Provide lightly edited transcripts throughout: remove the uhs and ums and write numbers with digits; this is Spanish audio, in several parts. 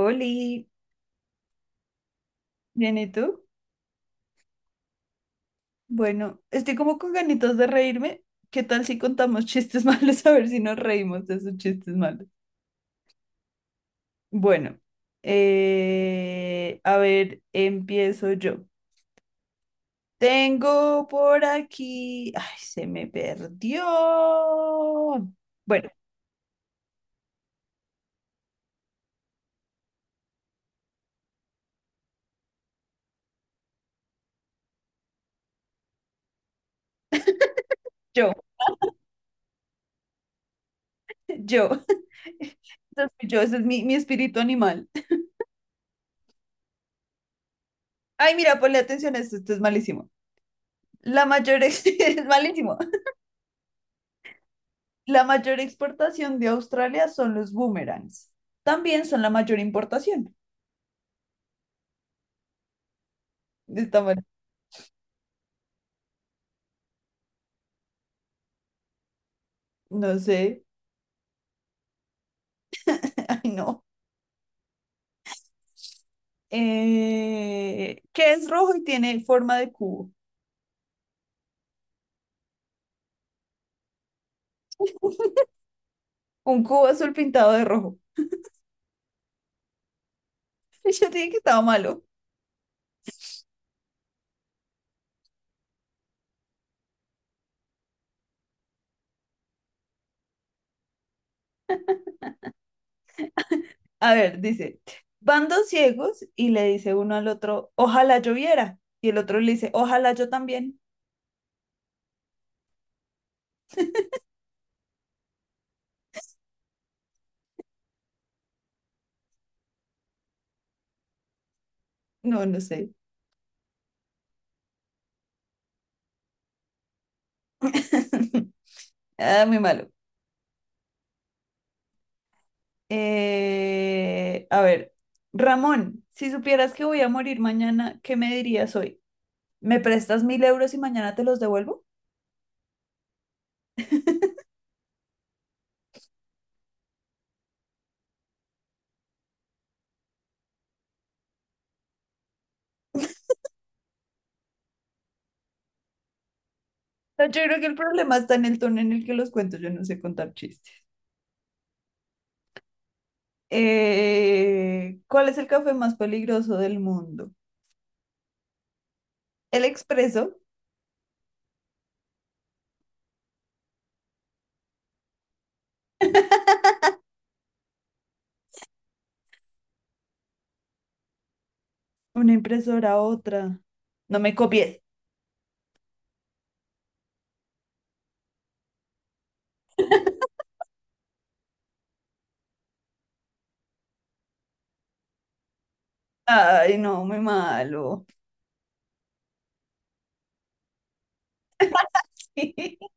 Oli, bien, ¿y tú? Bueno, estoy como con ganitas de reírme. ¿Qué tal si contamos chistes malos? A ver si nos reímos de esos chistes malos. Bueno, a ver, empiezo yo. Tengo por aquí. Ay, se me perdió. Bueno, yo, yo. Entonces, yo, ese es mi espíritu animal. Ay, mira, ponle atención a esto, esto es malísimo. Es malísimo. La mayor exportación de Australia son los boomerangs. También son la mayor importación. Está mal. No sé. Ay, no. ¿Qué es rojo y tiene forma de cubo? Un cubo azul pintado de rojo. Yo dije que estaba malo. A ver, dice, van dos ciegos y le dice uno al otro, ojalá lloviera. Y el otro le dice, ojalá yo también. No, no sé. Ah, muy malo. A ver, Ramón, si supieras que voy a morir mañana, ¿qué me dirías hoy? ¿Me prestas 1.000 euros y mañana te los devuelvo? No, yo creo que el problema está en el tono en el que los cuento, yo no sé contar chistes. ¿Cuál es el café más peligroso del mundo? ¿El expreso? ¿Una impresora otra? No me copies. Ay, no, muy malo.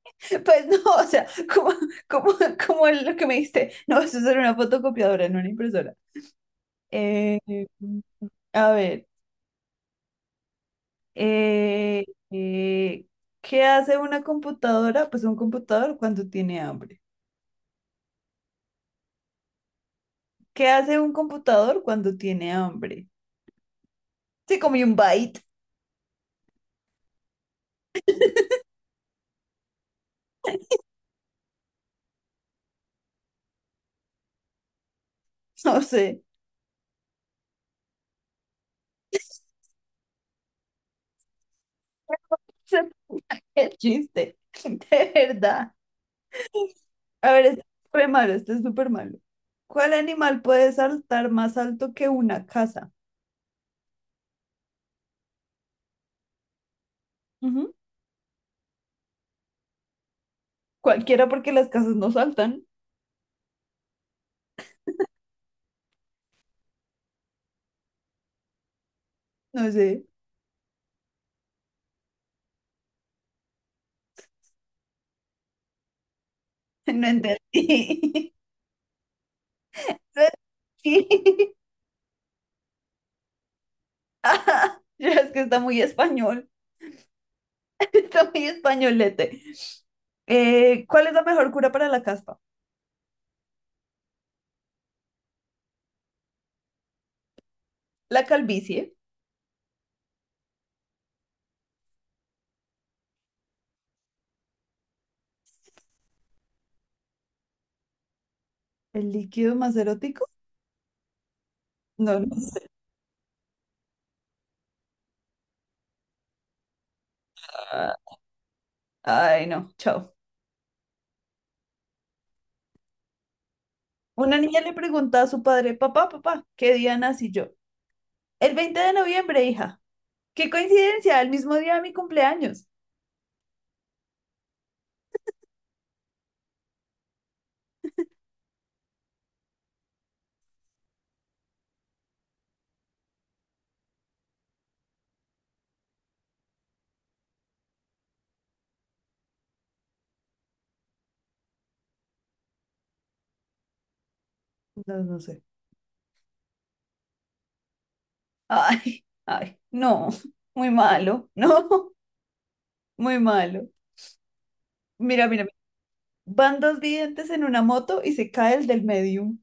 Pues no, o sea, como, como, como lo que me diste, no, eso es una fotocopiadora, no una impresora. Eh, a ver, eh, eh, ¿Qué hace una computadora? Pues un computador cuando tiene hambre. ¿Qué hace un computador cuando tiene hambre? Se comió un byte, no sé. Qué chiste, de verdad. A ver, este es súper malo, este es súper malo. ¿Cuál animal puede saltar más alto que una casa? Ujú. Cualquiera porque las casas no saltan. No sé, no entendí. No entendí. Ajá, ya es que está muy español, está muy españolete. ¿Cuál es la mejor cura para la caspa? La calvicie, el líquido más erótico. No, no sé. Ay, no, chao. Una niña le pregunta a su padre, papá, papá, ¿qué día nací yo? El 20 de noviembre, hija. ¿Qué coincidencia? El mismo día de mi cumpleaños. No, no sé. Ay, ay, no, muy malo, no, muy malo. Mira, mira, mira. Van dos videntes en una moto y se cae el del medio.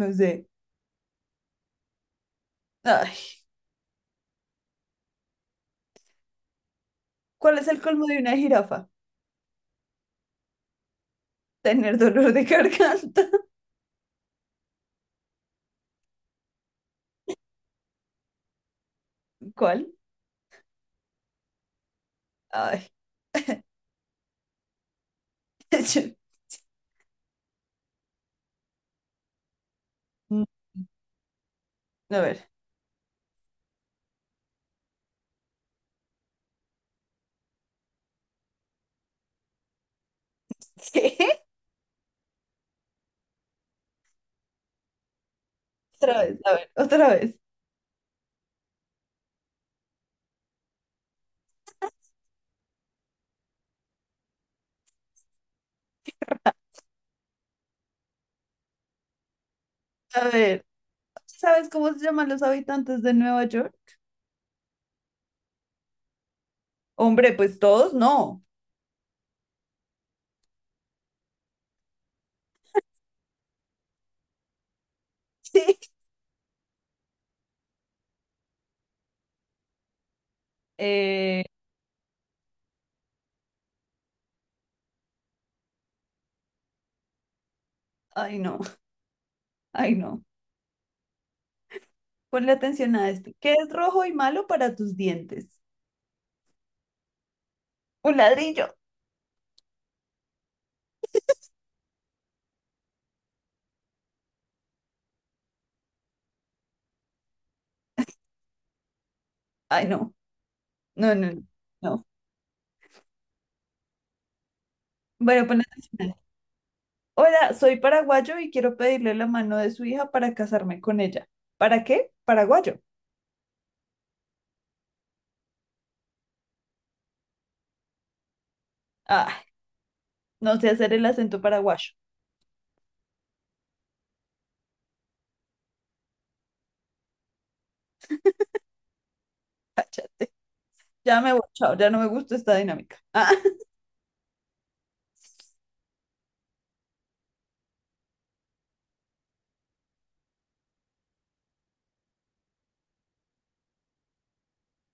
No sé. Ay, ¿cuál es el colmo de una jirafa? Tener dolor de garganta. ¿Cuál? Ay, yo- mm, a ver. ¿Qué? Otra vez, a ver, otra vez. A ver, ¿sabes cómo se llaman los habitantes de Nueva York? Hombre, pues todos no. Sí. Eh, ay, no, ay, no. Ponle atención a esto. ¿Qué es rojo y malo para tus dientes? Un ladrillo. Ay, no, no, no, no, no. Bueno, ponle atención. Hola, soy paraguayo y quiero pedirle la mano de su hija para casarme con ella. ¿Para qué? Paraguayo. Ah, no sé hacer el acento paraguayo. Ya me voy, chao, ya no me gusta esta dinámica. Ah,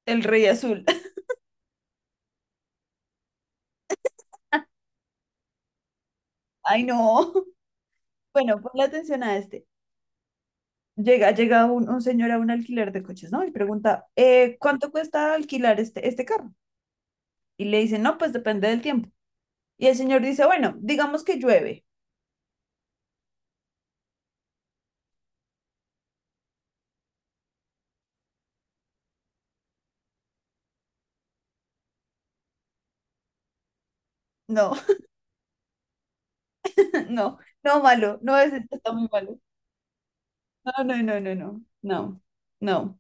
el rey azul. Ay, no. Bueno, ponle atención a este. Llega un señor a un alquiler de coches, ¿no? Y pregunta, ¿cuánto cuesta alquilar este carro? Y le dicen, no, pues depende del tiempo. Y el señor dice, bueno, digamos que llueve. No, no, no, malo, no es, está muy malo. No, no, no, no, no, no, no.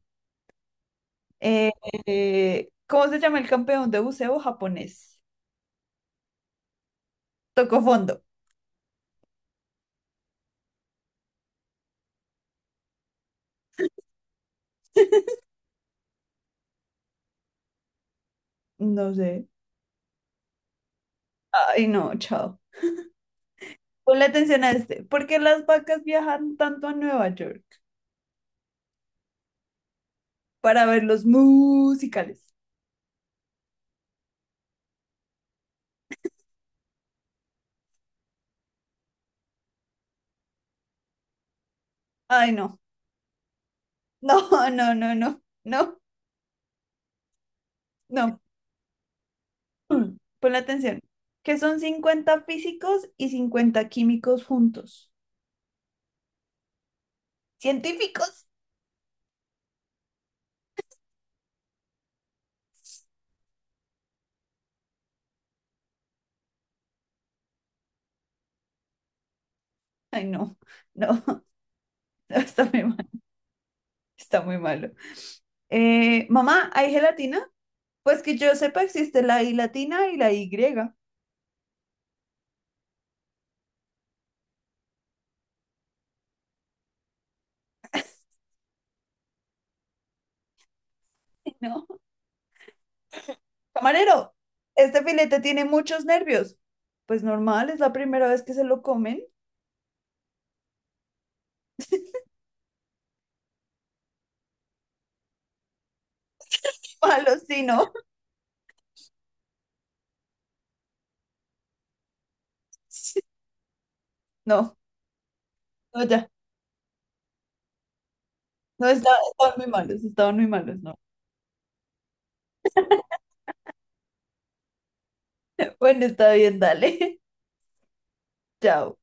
Eh, ¿Cómo se llama el campeón de buceo japonés? Tocó fondo. No sé. Ay, no, chao. Ponle atención a este. ¿Por qué las vacas viajan tanto a Nueva York? Para ver los musicales. Ay, no. No, no, no, no, no, no. Ponle atención. Que son 50 físicos y 50 químicos juntos. ¿Científicos? Ay, no, no, no, está muy mal. Está muy malo. Mamá, ¿hay gelatina? Pues que yo sepa, existe la I latina y la Y. No. Camarero, este filete tiene muchos nervios. Pues normal, es la primera vez que se lo comen. Malos, sí, no. No, no, ya. No, estaban muy malos, no. Bueno, está bien, dale. Chao.